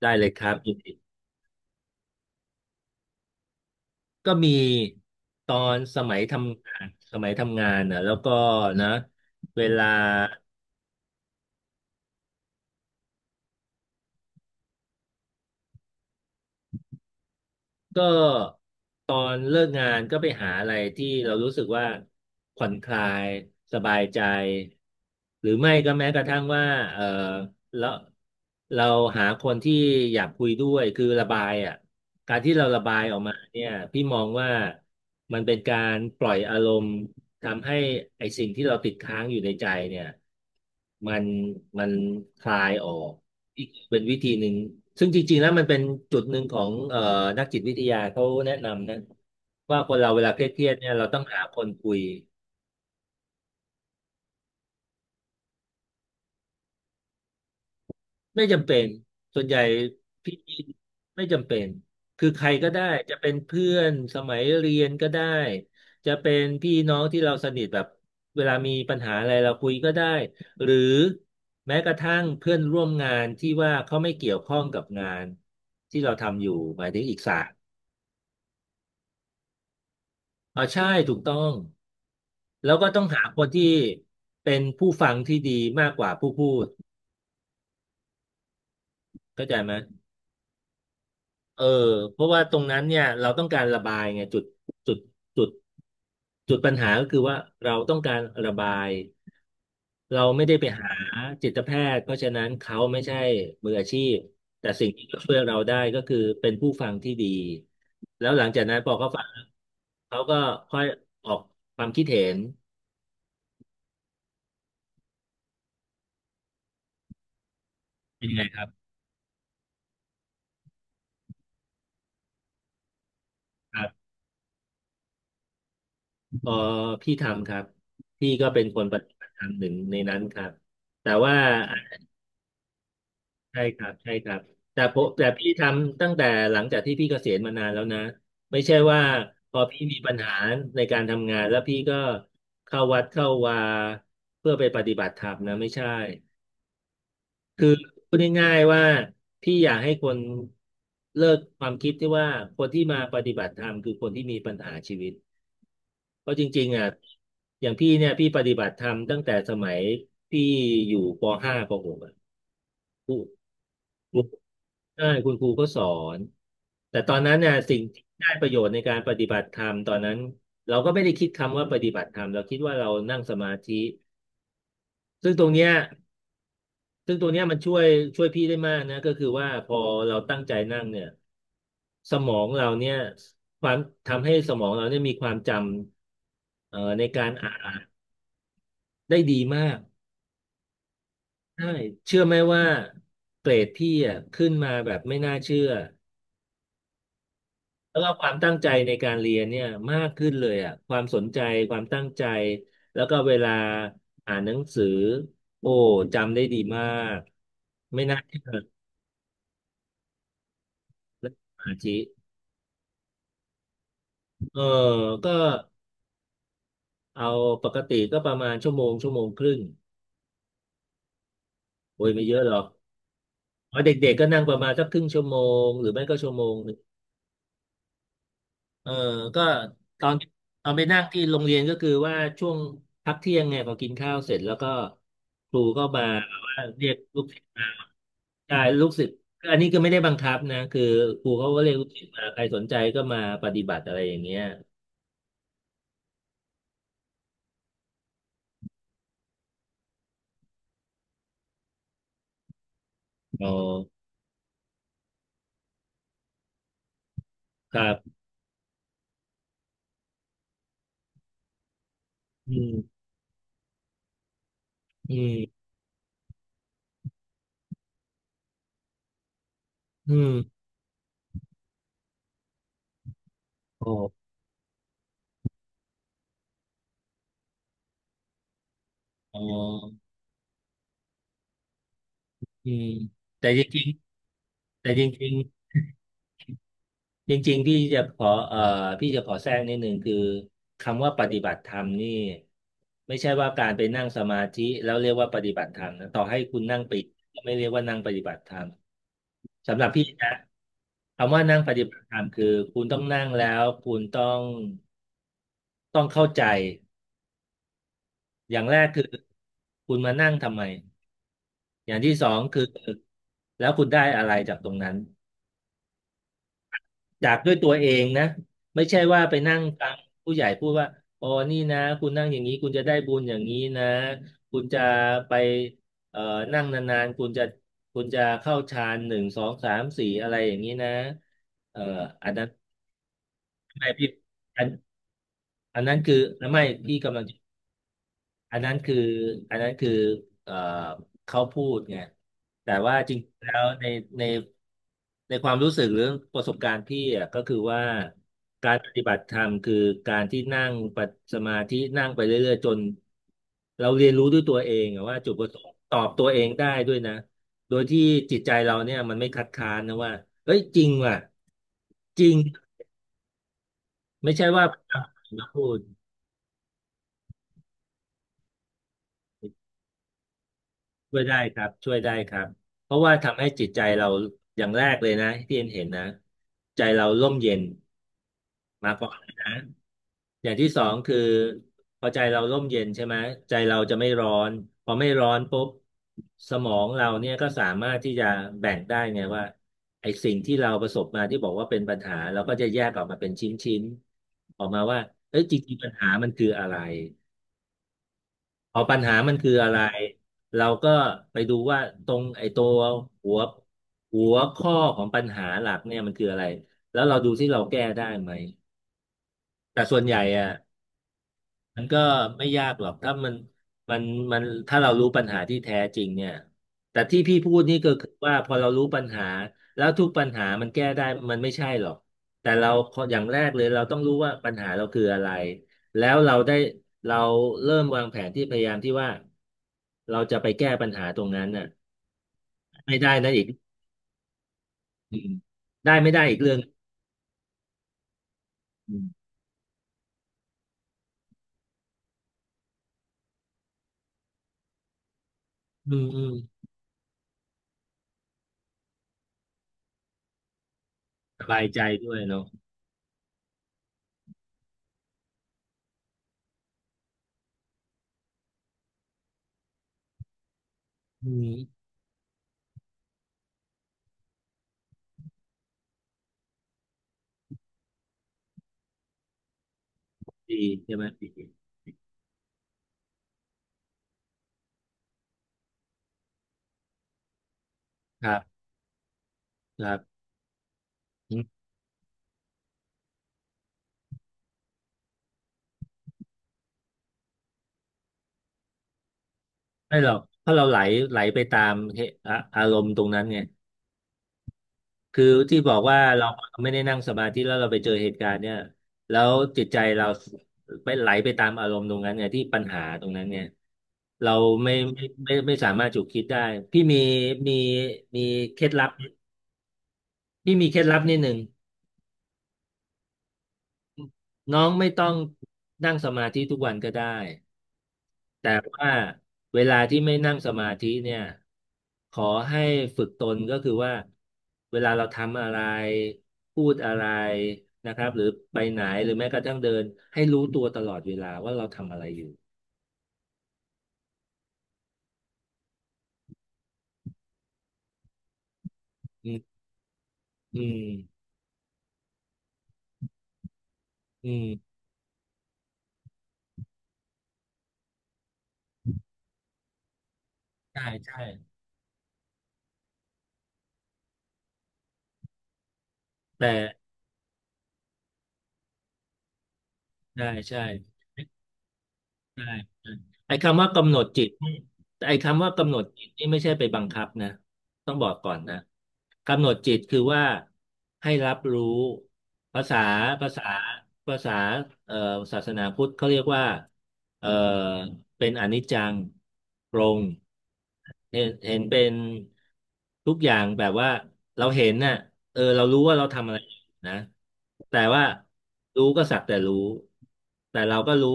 ได้เลยครับยินดีก็มีตอนสมัยทำงานนะแล้วก็นะเวลาก็ตอนเลิกงานก็ไปหาอะไรที่เรารู้สึกว่าผ่อนคลายสบายใจหรือไม่ก็แม้กระทั่งว่าเออแล้วเราหาคนที่อยากคุยด้วยคือระบายอ่ะ การที่เราระบายออกมาเนี่ยพี่มองว่ามันเป็นการปล่อยอารมณ์ทำให้ไอ้สิ่งที่เราติดค้างอยู่ในใจเนี่ยมันมันคลายออกอีกเป็นวิธีหนึ่งซึ่งจริงๆแล้วมันเป็นจุดหนึ่งของนักจิตวิทยาเขาแนะนำนะว่าคนเราเวลาเครียดๆเนี่ยเราต้องหาคนคุย ไม่จำเป็น ส่วนใหญ่พี่ไม่จำเป็น คือใครก็ได้ จะเป็นเพื่อนสมัยเรียนก็ได้ จะเป็นพี่น้องที่เราสนิทแบบ เวลามีปัญหาอะไรเราคุยก็ได้หรือแม้กระทั่งเพื่อนร่วมงานที่ว่าเขาไม่เกี่ยวข้องกับงานที่เราทำอยู่หมายถึงอีกศาสตร์อ๋อใช่ถูกต้อง แล้วก็ต้องหาคนที่เป็นผู้ฟังที่ดีมากกว่าผู้พูดเข้าใจไหม เออเพราะว่าตรงนั้นเนี่ยเราต้องการระบายไงจุดจุดจุดปัญหาก็คือว่าเราต้องการระบายเราไม่ได้ไปหาจิตแพทย์เพราะฉะนั้นเขาไม่ใช่มืออาชีพแต่สิ่งที่เขาช่วยเราได้ก็คือเป็นผู้ฟังที่ดีแล้วหลังจากนั้นพอเขาฟังเขาก็ค่อยออกความคิดเห็นเป็นไงครับครับพอพี่ทำครับพี่ก็เป็นคนปฏิบัติธรรมหนึ่งในนั้นครับแต่ว่า ใช่ครับใช่ครับแต่ผมแต่พี่ทำตั้งแต่หลังจากที่พี่เกษียณมานานแล้วนะไม่ใช่ว่าพอพี่มีปัญหาในการทำงานแล้วพี่ก็เข้าวัดเข้าวาเพื่อไปปฏิบัติธรรมนะไม่ใช่คือพูดง่ายๆว่าพี่อยากให้คนเลิกความคิดที่ว่าคนที่มาปฏิบัติธรรมคือคนที่มีปัญหาชีวิตเพราะจริงๆอ่ะอย่างพี่เนี่ยพี่ปฏิบัติธรรมตั้งแต่สมัยพี่อยู่ปห้าปหกอ่ะ ใช่คุณครูก็สอนแต่ตอนนั้นเนี่ยสิ่งที่ได้ประโยชน์ในการปฏิบัติธรรมตอนนั้นเราก็ไม่ได้คิดคำว่าปฏิบัติธรรมเราคิดว่าเรานั่งสมาธิซึ่งตรงเนี้ยซึ่งตรงเนี้ยมันช่วยพี่ได้มากนะก็คือว่าพอเราตั้งใจนั่งเนี่ยสมองเราเนี่ยความทำให้สมองเราเนี่ยมีความจำในการอ่านได้ดีมากใช่เชื่อไหมว่าเกรดพี่อ่ะขึ้นมาแบบไม่น่าเชื่อ แล้วก็ความตั้งใจในการเรียนเนี่ยมากขึ้นเลยอ่ะความสนใจความตั้งใจแล้วก็เวลาอ่านหนังสือโอ้จำได้ดีมากไม่น่าเชื่อเลยสมาธิเออก็เอาปกติก็ประมาณชั่วโมงชั่วโมงครึ่งโอ้ยไม่เยอะหรอกอ๋อเด็กๆก็นั่งประมาณสักครึ่งชั่วโมงหรือไม่ก็ชั่วโมงหนึ่งเออก็ตอนตอนไปนั่งที่โรงเรียนก็คือว่าช่วงพักเที่ยงไงพอกินข้าวเสร็จแล้วก็ครูก็มาว่าเรียกลูกศิษย์ ใช่ลูกศิษย์อันนี้ก็ไม่ได้บังคับนะคือครูเขาก็เรียกลูกศิษย์มาใครสนใจก็มาปฏิบัติอะไรอย่างเงี้ยอ๋อครับอืมอืมอืมโอ้อ๋ออืมแต่จริงๆแต่จริงๆจริงๆพี่จะขอพี่จะขอแทรกนิดนึงคือคำว่าปฏิบัติธรรมนี่ไม่ใช่ว่าการไปนั่งสมาธิแล้วเรียกว่าปฏิบัติธรรมนะต่อให้คุณนั่งปิดก็ไม่เรียกว่านั่งปฏิบัติธรรม สำหรับพี่นะคำว่านั่งปฏิบัติธรรมคือคุณต้องนั่งแล้วคุณต้องเข้าใจอย่างแรกคือคุณมานั่งทำไมอย่างที่สองคือแล้วคุณได้อะไรจากตรงนั้นจากด้วยตัวเองนะไม่ใช่ว่าไปนั่งฟังผู้ใหญ่พูดว่าอ๋อนี่นะคุณนั่งอย่างนี้คุณจะได้บุญอย่างนี้นะคุณจะไปเอ่อนั่งนานๆคุณจะเข้าฌานหนึ่งสองสามสี่อะไรอย่างนี้นะเอ่ออันนั้นไม่พี่ อันนั้นคือไม่พี่กำลังจะอันนั้นคืออันนั้นคือเอ่อเขาพูดไงแต่ว่าจริงๆแล้วในในความรู้สึกหรือประสบการณ์พี่อ่ะก็คือว่าการปฏิบัติธรรมคือการที่นั่งปัดสมาธินั่งไปเรื่อยๆจนเราเรียนรู้ด้วยตัวเองอะว่าจุดประสงค์ตอบตัวเองได้ด้วยนะโดยที่จิตใจเราเนี่ยมันไม่คัดค้านนะว่าเอ้ยจริงว่ะจริงไม่ใช่ว่ามาพูด ช่วยได้ครับช่วยได้ครับเพราะว่าทำให้จิตใจเราอย่างแรกเลยนะที่เอ็นเห็นนะใจเราร่มเย็นมาก่อนเลยนะอย่างที่สองคือพอใจเราร่มเย็นใช่ไหมใจเราจะไม่ร้อนพอไม่ร้อนปุ๊บสมองเราเนี่ยก็สามารถที่จะแบ่งได้ไงว่าไอ้สิ่งที่เราประสบมาที่บอกว่าเป็นปัญหาเราก็จะแยกออกมาเป็นชิ้นๆออกมาว่าเอ้ยจริงๆปัญหามันคืออะไร เอาปัญหามันคืออะไร เราก็ไปดูว่าตรงไอ้ตัวหัวหัวข้อของปัญหาหลักเนี่ยมันคืออะไร แล้วเราดูที่เราแก้ได้ไหม แต่ส่วนใหญ่อะ มันก็ไม่ยากหรอกถ้ามันมันถ้าเรารู้ปัญหาที่แท้จริงเนี่ยแต่ที่พี่พูดนี่ก็คือว่าพอเรารู้ปัญหาแล้วทุกปัญหามันแก้ได้มันไม่ใช่หรอกแต่เราขออย่างแรกเลยเราต้องรู้ว่าปัญหาเราคืออะไรแล้วเราได้เราเริ่มวางแผนที่พยายามที่ว่าเราจะไปแก้ปัญหาตรงนั้นน่ะไม่ได้นะอีกอืมได้ไม่ได้อีกเรื่องอืมอืมอืมสบายใจด้วยเนาะอืมดีใช่ไหมดีครับครับ ไม่หรอกเพราะเราไหลไหลไปตามเหตุอะอารมณ์ตรงนั้นไงคือที่บอกว่าเราไม่ได้นั่งสมาธิแล้วเราไปเจอเหตุการณ์เนี่ยแล้วจิตใจเราไปไหลไปตามอารมณ์ตรงนั้นไงที่ปัญหาตรงนั้นไงเราไม่สามารถจุดคิดได้พี่มีมีเคล็ดลับพี่มีเคล็ดลับนิดหนึ่งน้องไม่ต้องนั่งสมาธิทุกวันก็ได้ แต่ว่าเวลาที่ไม่นั่งสมาธิเนี่ยขอให้ฝึกตนก็คือว่าเวลาเราทำอะไรพูดอะไรนะครับหรือไปไหนหรือแม้กระทั่งเดินให้รู้ตัวตลอดเวลาว่าเราทำอะไรอยู่อืมอืมอืมใช่ใช่แต่ใช่ใช่ ใช่ใช่ไอ้คำว่ากำหนดจิตนี่ไอ้คำว่ากำหนดจิตนี่ไม่ใช่ไปบังคับนะต้องบอกก่อนนะกำหนดจิตคือว่าให้รับรู้ภาษาภาษาภาษาเอ่อศาสนาพุทธเขาเรียกว่าเอ่อเป็นอนิจจังปรงเห็นเป็นทุกอย่างแบบว่าเราเห็นน่ะเออเรารู้ว่าเราทำอะไร นะแต่ว่ารู้ก็สักแต่รู้แต่เราก็รู้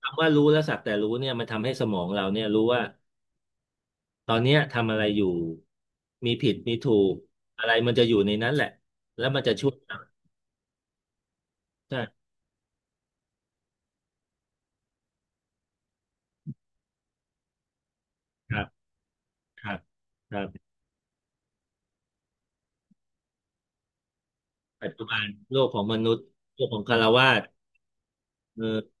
คำว่ารู้และสักแต่รู้เนี่ยมันทำให้สมองเราเนี่ยรู้ว่าตอนเนี้ยทำอะไรอยู่มีผิดมีถูกอะไรมันจะอยู่ในนั้นแหละแล้วมันจะช่วยเราใช่ครับครับครับปัจจุบันโลกของมนุษย์โลกของคาหาสถ์เออ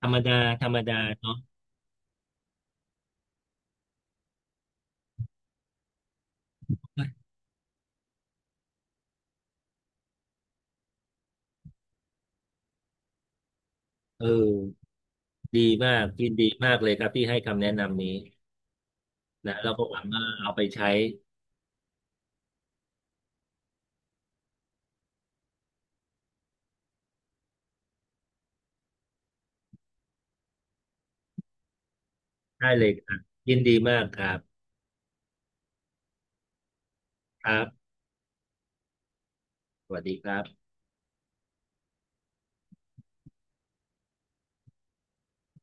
ธรรมดาธรรมดาเนาะเออดีมากยินดีมากเลยครับที่ให้คำแนะนำนี้นะแล้วก็หวังว่าเอาไปใช้ได้เลยครับยินดีมากครับครับ สวัสดีครับ